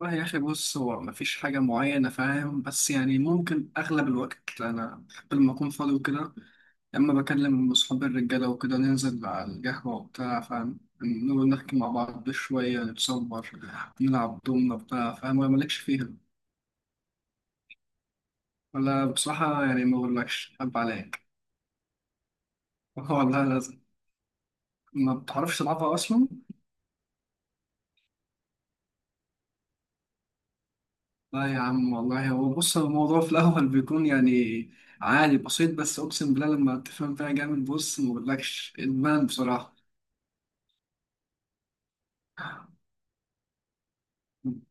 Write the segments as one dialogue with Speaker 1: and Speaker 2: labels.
Speaker 1: والله يا أخي، بص، هو مفيش حاجة معينة فاهم. بس يعني ممكن أغلب الوقت أنا بحب لما أكون فاضي وكده، يا إما بكلم أصحابي الرجالة وكده، ننزل على القهوة وبتاع فاهم، نقعد نحكي مع بعض شوية، نتصور، نلعب دومنا بتاع فاهم. ولا مالكش فيها؟ ولا بصراحة يعني ما أقولكش أحب عليك. والله لازم. ما بتعرفش تلعبها أصلا. لا يا عم، والله هو بص الموضوع في الأول بيكون يعني عادي بسيط، بس أقسم بالله لما تفهم فيها جامد، بص ما بقولكش إدمان بصراحة.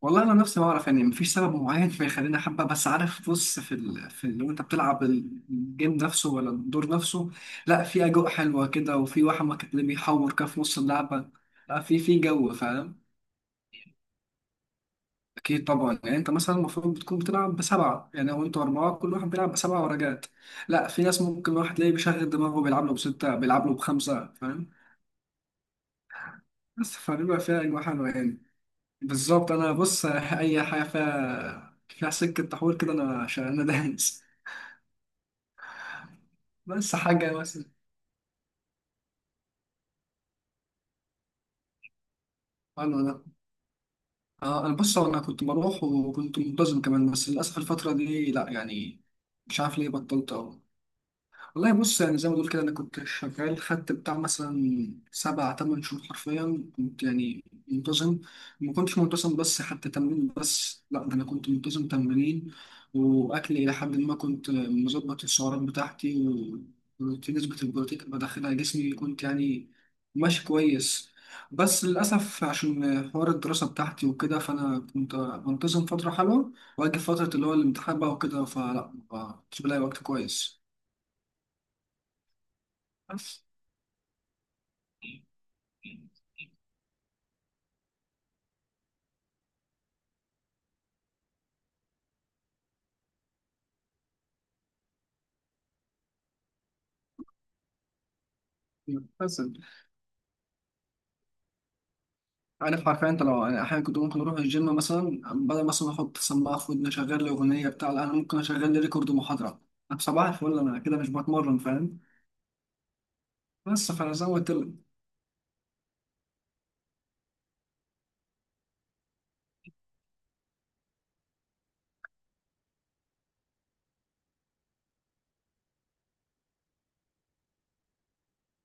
Speaker 1: والله أنا نفسي ما أعرف، يعني مفيش سبب معين فيخليني أحبها. بس عارف، بص، لو أنت بتلعب الجيم نفسه ولا الدور نفسه، لا، في أجواء حلوة كده، وفي واحد ما كان بيحور كده في نص اللعبة. لا، في جو فاهم. أكيد طبعا، يعني أنت مثلا المفروض بتكون بتلعب بسبعة. يعني هو أنتوا أربعة، كل واحد بيلعب بسبعة ورقات. لا، في ناس ممكن واحد تلاقيه بيشغل دماغه بيلعب له بستة، بيلعب له بخمسة فاهم. بس فبيبقى فيها أجواء حلوة يعني. بالظبط. أنا بص، أي حاجة فيها سكة تحويل كده، أنا عشان أنا دايس. بس حاجة مثلا حلوة ده. آه، أنا بص، هو أنا كنت بروح وكنت منتظم كمان، بس للأسف الفترة دي لا يعني، مش عارف ليه بطلت أهو. والله بص، يعني زي ما تقول كده، انا كنت شغال، خدت بتاع مثلا سبع تمن شهور حرفيا كنت يعني منتظم. ما كنتش منتظم بس حتى تمرين، بس لا ده انا كنت منتظم تمرين واكلي، الى حد ما كنت مظبط السعرات بتاعتي، وفي نسبة البروتين اللي بدخلها جسمي، كنت يعني ماشي كويس. بس للأسف عشان حوار الدراسة بتاعتي وكده، فأنا كنت منتظم فترة حلوة، وأجي فترة اللي هو الامتحان بقى وكده فلا، ما كنتش بلاقي وقت كويس. بس حسن. عارف، حرفيا انت، لو انا احيانا كنت ممكن اروح الجيم مثلا، بدل مثلا احط سماعه في ودني اشغل لي اغنيه بتاع، لا، انا ممكن اشغل لي ريكورد محاضره. انا صباح الفل، انا كده مش بتمرن فاهم. بس فانا زي ما قلت لك.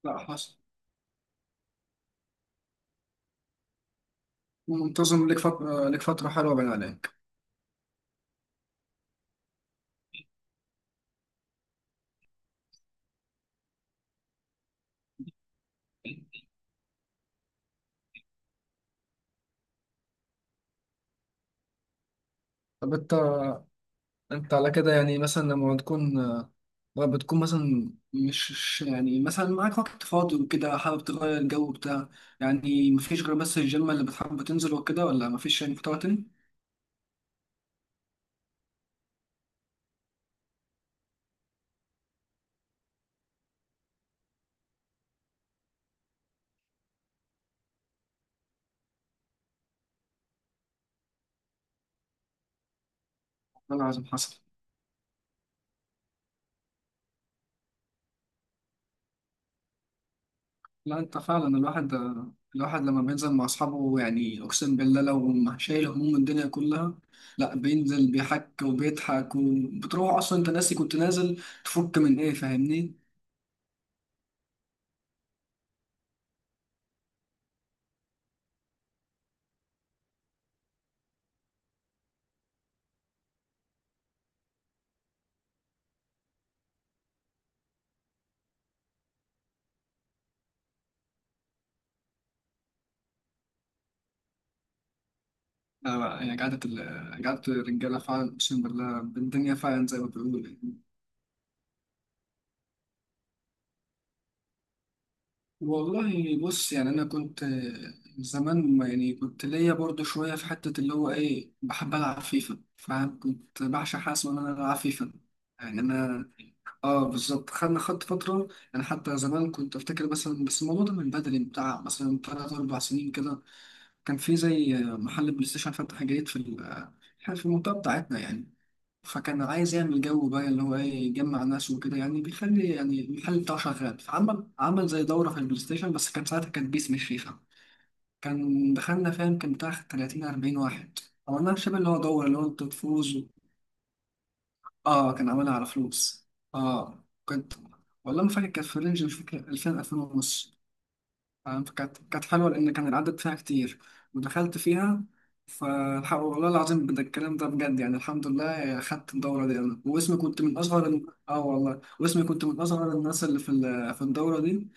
Speaker 1: لا حصل. منتظم لك فتره حلوه بين عليك. طب انت على كده يعني مثلا لما تكون، لما بتكون مثلا يعني مثلا معاك وقت فاضي وكده، حابب تغير الجو بتاع، يعني مفيش غير بس الجيم اللي بتحب تنزل وكده؟ ولا مفيش يعني محتوى تاني؟ ولا عايز حصل. لا انت فعلا، الواحد لما بينزل مع اصحابه، يعني اقسم بالله لو ما شايل هموم الدنيا كلها. لا، بينزل بيحك وبيضحك، وبتروح اصلا انت ناسي كنت نازل تفك من ايه، فاهمني؟ لا لا، يعني قعدة الرجالة فعلا، اقسم بالله الدنيا فعلا زي ما بيقولوا يعني. والله بص، يعني انا كنت زمان يعني كنت ليا برضو شويه في حته اللي هو ايه، بحب العب فيفا، فكنت بعشق حاجه اسمها ان انا العب فيفا. يعني انا، اه بالظبط، خدت فتره. انا حتى زمان كنت افتكر مثلا، بس الموضوع ده من بدري بتاع مثلا ثلاث اربع سنين كده، كان في زي محل بلاي ستيشن فتح جديد إحنا في المنطقة بتاعتنا يعني. فكان عايز يعمل جو بقى، اللي هو ايه، يجمع ناس وكده، يعني بيخلي يعني المحل بتاعه شغال، فعمل زي دورة في البلاي ستيشن، بس كان ساعتها كان بيس مش فيفا. كان دخلنا فاهم، كان بتاع 30 40 واحد. عملناها شبه اللي هو دورة، اللي هو انت تفوز و... اه كان عملها على فلوس. اه كنت. والله ما فاكر، كانت في رينج مش فاكر، 2000 2000 ونص. آه، فكانت حلوة لأن كان العدد فيها كتير، ودخلت فيها. فالحق والله العظيم بجد، الكلام ده بجد يعني، الحمد لله خدت الدورة دي. أنا واسمي كنت من أصغر ال- آه والله واسمي كنت من أصغر الناس اللي في الدورة دي.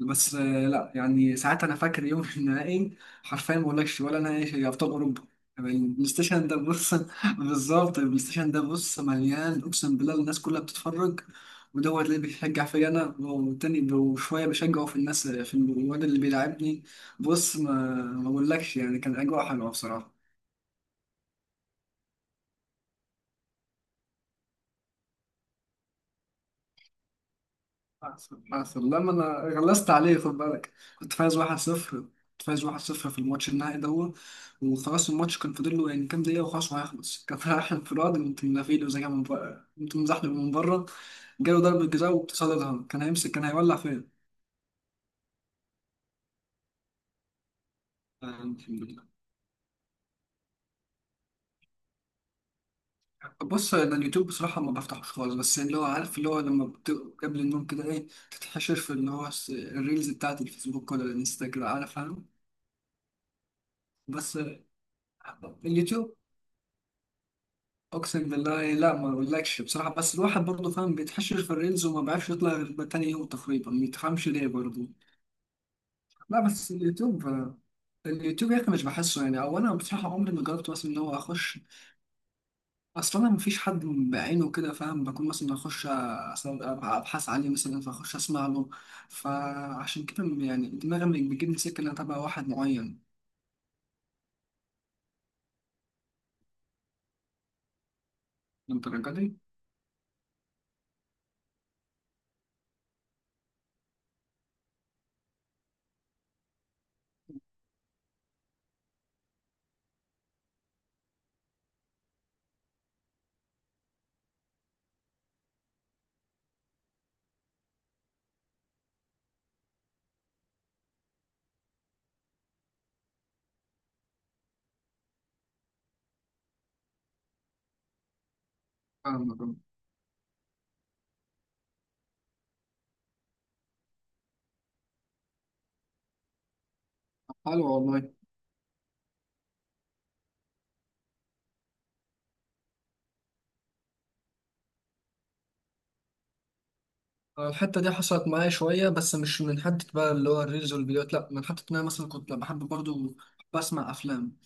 Speaker 1: بس آه، لا يعني ساعات انا فاكر يوم في النهائي، حرفيا ما اقولكش، ولا نهائي في ابطال اوروبا. يعني البلاي ستيشن ده بص، بالظبط، البلاي ستيشن ده بص مليان، اقسم بالله الناس كلها بتتفرج، ودوت اللي بيشجع فيا انا، والتاني وشويه بشجعه في الناس في الواد اللي بيلعبني. بص، ما اقولكش، يعني كان اجواء حلوه بصراحه. أحسن أحسن لما أنا غلست عليه، خد بالك، كنت فايز 1-0. في الماتش النهائي ده. وخلاص الماتش كان فاضل له يعني كام دقيقة وخلاص وهيخلص، كان رايح انفراد، قمت منافيله زي ما من بره، قمت مزحلق من بره، جاله ضربة جزاء واتصدتها، كان هيمسك كان هيولع فين. يعني الحمد لله. بص أنا اليوتيوب بصراحة ما بفتحوش خالص، بس يعني اللي هو عارف، اللي هو لما قبل النوم كده إيه، تتحشر في اللي هو الريلز بتاعت الفيسبوك ولا الانستجرام، عارف فاهم. بس اليوتيوب، اقسم بالله لا، ما اقولكش بصراحه، بس الواحد برضه فاهم بيتحشر في الريلز وما بيعرفش يطلع غير تاني يوم تقريبا، ما تفهمش ليه برضه. لا بس اليوتيوب يا اخي مش بحسه يعني، او انا بصراحه عمري ما جربت مثلا ان هو اخش. اصلا انا مفيش حد بعينه كده فاهم، بكون مثلا اخش اصلا ابحث عليه مثلا، فاخش اسمع له. فعشان كده يعني، دماغي بتجيبني سكه ان انا اتابع واحد معين للدرجه دي فاهم. حلو والله. الحتة دي حصلت معايا شوية، بس مش من حتة بقى اللي هو الريلز والفيديوهات، لأ، من حتة إن أنا مثلا كنت بحب برضو بسمع أفلام.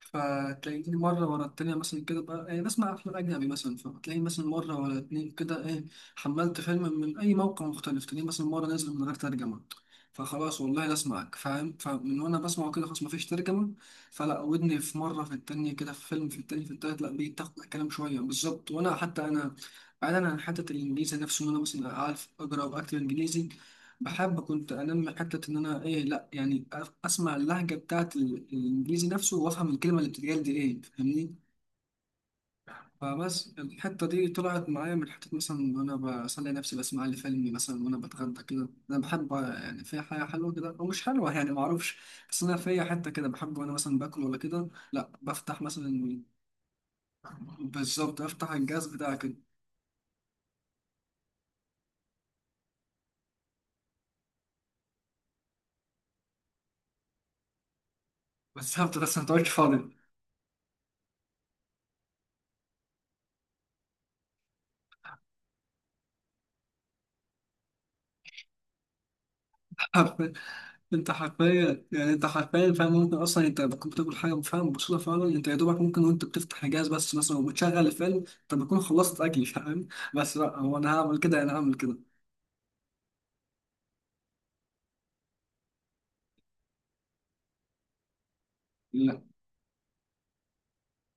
Speaker 1: فتلاقيني مرة ورا التانية مثلا كده بقى، يعني بسمع أفلام أجنبي مثلا، فتلاقيني مثلا مرة ورا اتنين كده إيه، حملت فيلم من أي موقع مختلف، تلاقيني مثلا مرة نازل من غير ترجمة. فخلاص والله لا أسمعك فاهم، فمن وأنا بسمعه كده خلاص مفيش ترجمة، فلا ودني في مرة في التانية كده، في فيلم في التاني في التالت، لا بيتاخد الكلام شوية بالظبط. وأنا حتى أنا، بعيدا عن حتة الإنجليزي نفسه إن أنا مثلا عارف أقرأ وأكتب إنجليزي، بحب كنت انمي حته ان انا ايه، لا يعني اسمع اللهجه بتاعت الانجليزي نفسه وافهم الكلمه اللي بتتقال دي ايه، فاهمني. فبس الحته دي طلعت معايا من حته مثلا وانا بسلي نفسي، بسمع لي فيلم مثلا وانا بتغدى كده. انا بحب يعني، في حاجه حلوه كده او مش حلوه يعني ما اعرفش، بس انا في حته كده بحب وانا مثلا باكل ولا كده، لا بفتح مثلا. بالظبط، افتح الجهاز بتاعك كده. بالظبط، بس ما تقعدش فاضي. انت حرفيا يعني، انت حرفيا فاهم، ممكن اصلا انت بتكون بتاكل حاجه فاهم بسيطه فعلا، انت يا دوبك ممكن وانت بتفتح الجهاز بس مثلا وبتشغل الفيلم، انت بتكون خلصت اكل فاهم. بس لا، هو انا هعمل كده، انا هعمل كده. لا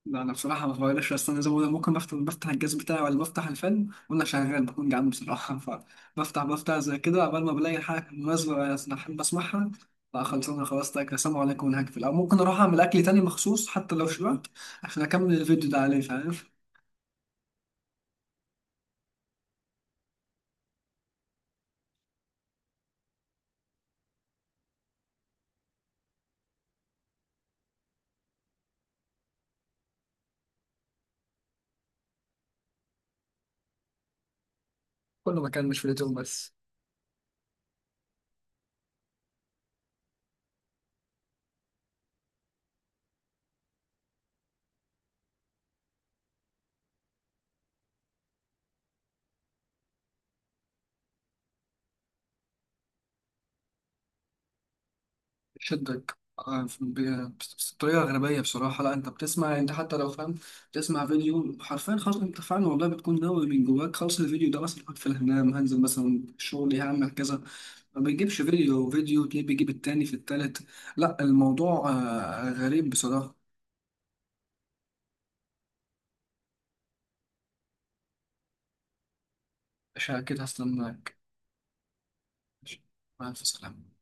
Speaker 1: لا، انا بصراحه ما بغيرش، بس انا زي ما بقول لك، ممكن بفتح الجهاز بتاعي ولا بفتح الفيلم وانا شغال بكون جعان بصراحه. فبفتح زي كده قبل ما بلاقي حاجه مناسبه انا احب اسمعها. لا خلاص انا خلاص تاكل، السلام عليكم ونهكفل، او ممكن اروح اعمل اكل تاني مخصوص حتى لو شبعت، عشان اكمل الفيديو ده عليه فاهم. كله مكان، مش في اليوتيوب بس. شدك آه، بطريقة غربية بصراحة، لا انت بتسمع، انت حتى لو فاهم، بتسمع فيديو حرفيا خلاص انت فعلا والله بتكون ناوي من جواك خلاص، الفيديو ده مثلا هقعد في الهنام، هنزل مثلا شغلي، هعمل كذا، ما بيجيبش فيديو، فيديو تلاقيه بيجيب التاني في التالت. لا الموضوع آه، غريب بصراحة. مش كده، هستناك. ماشي. مع السلامة.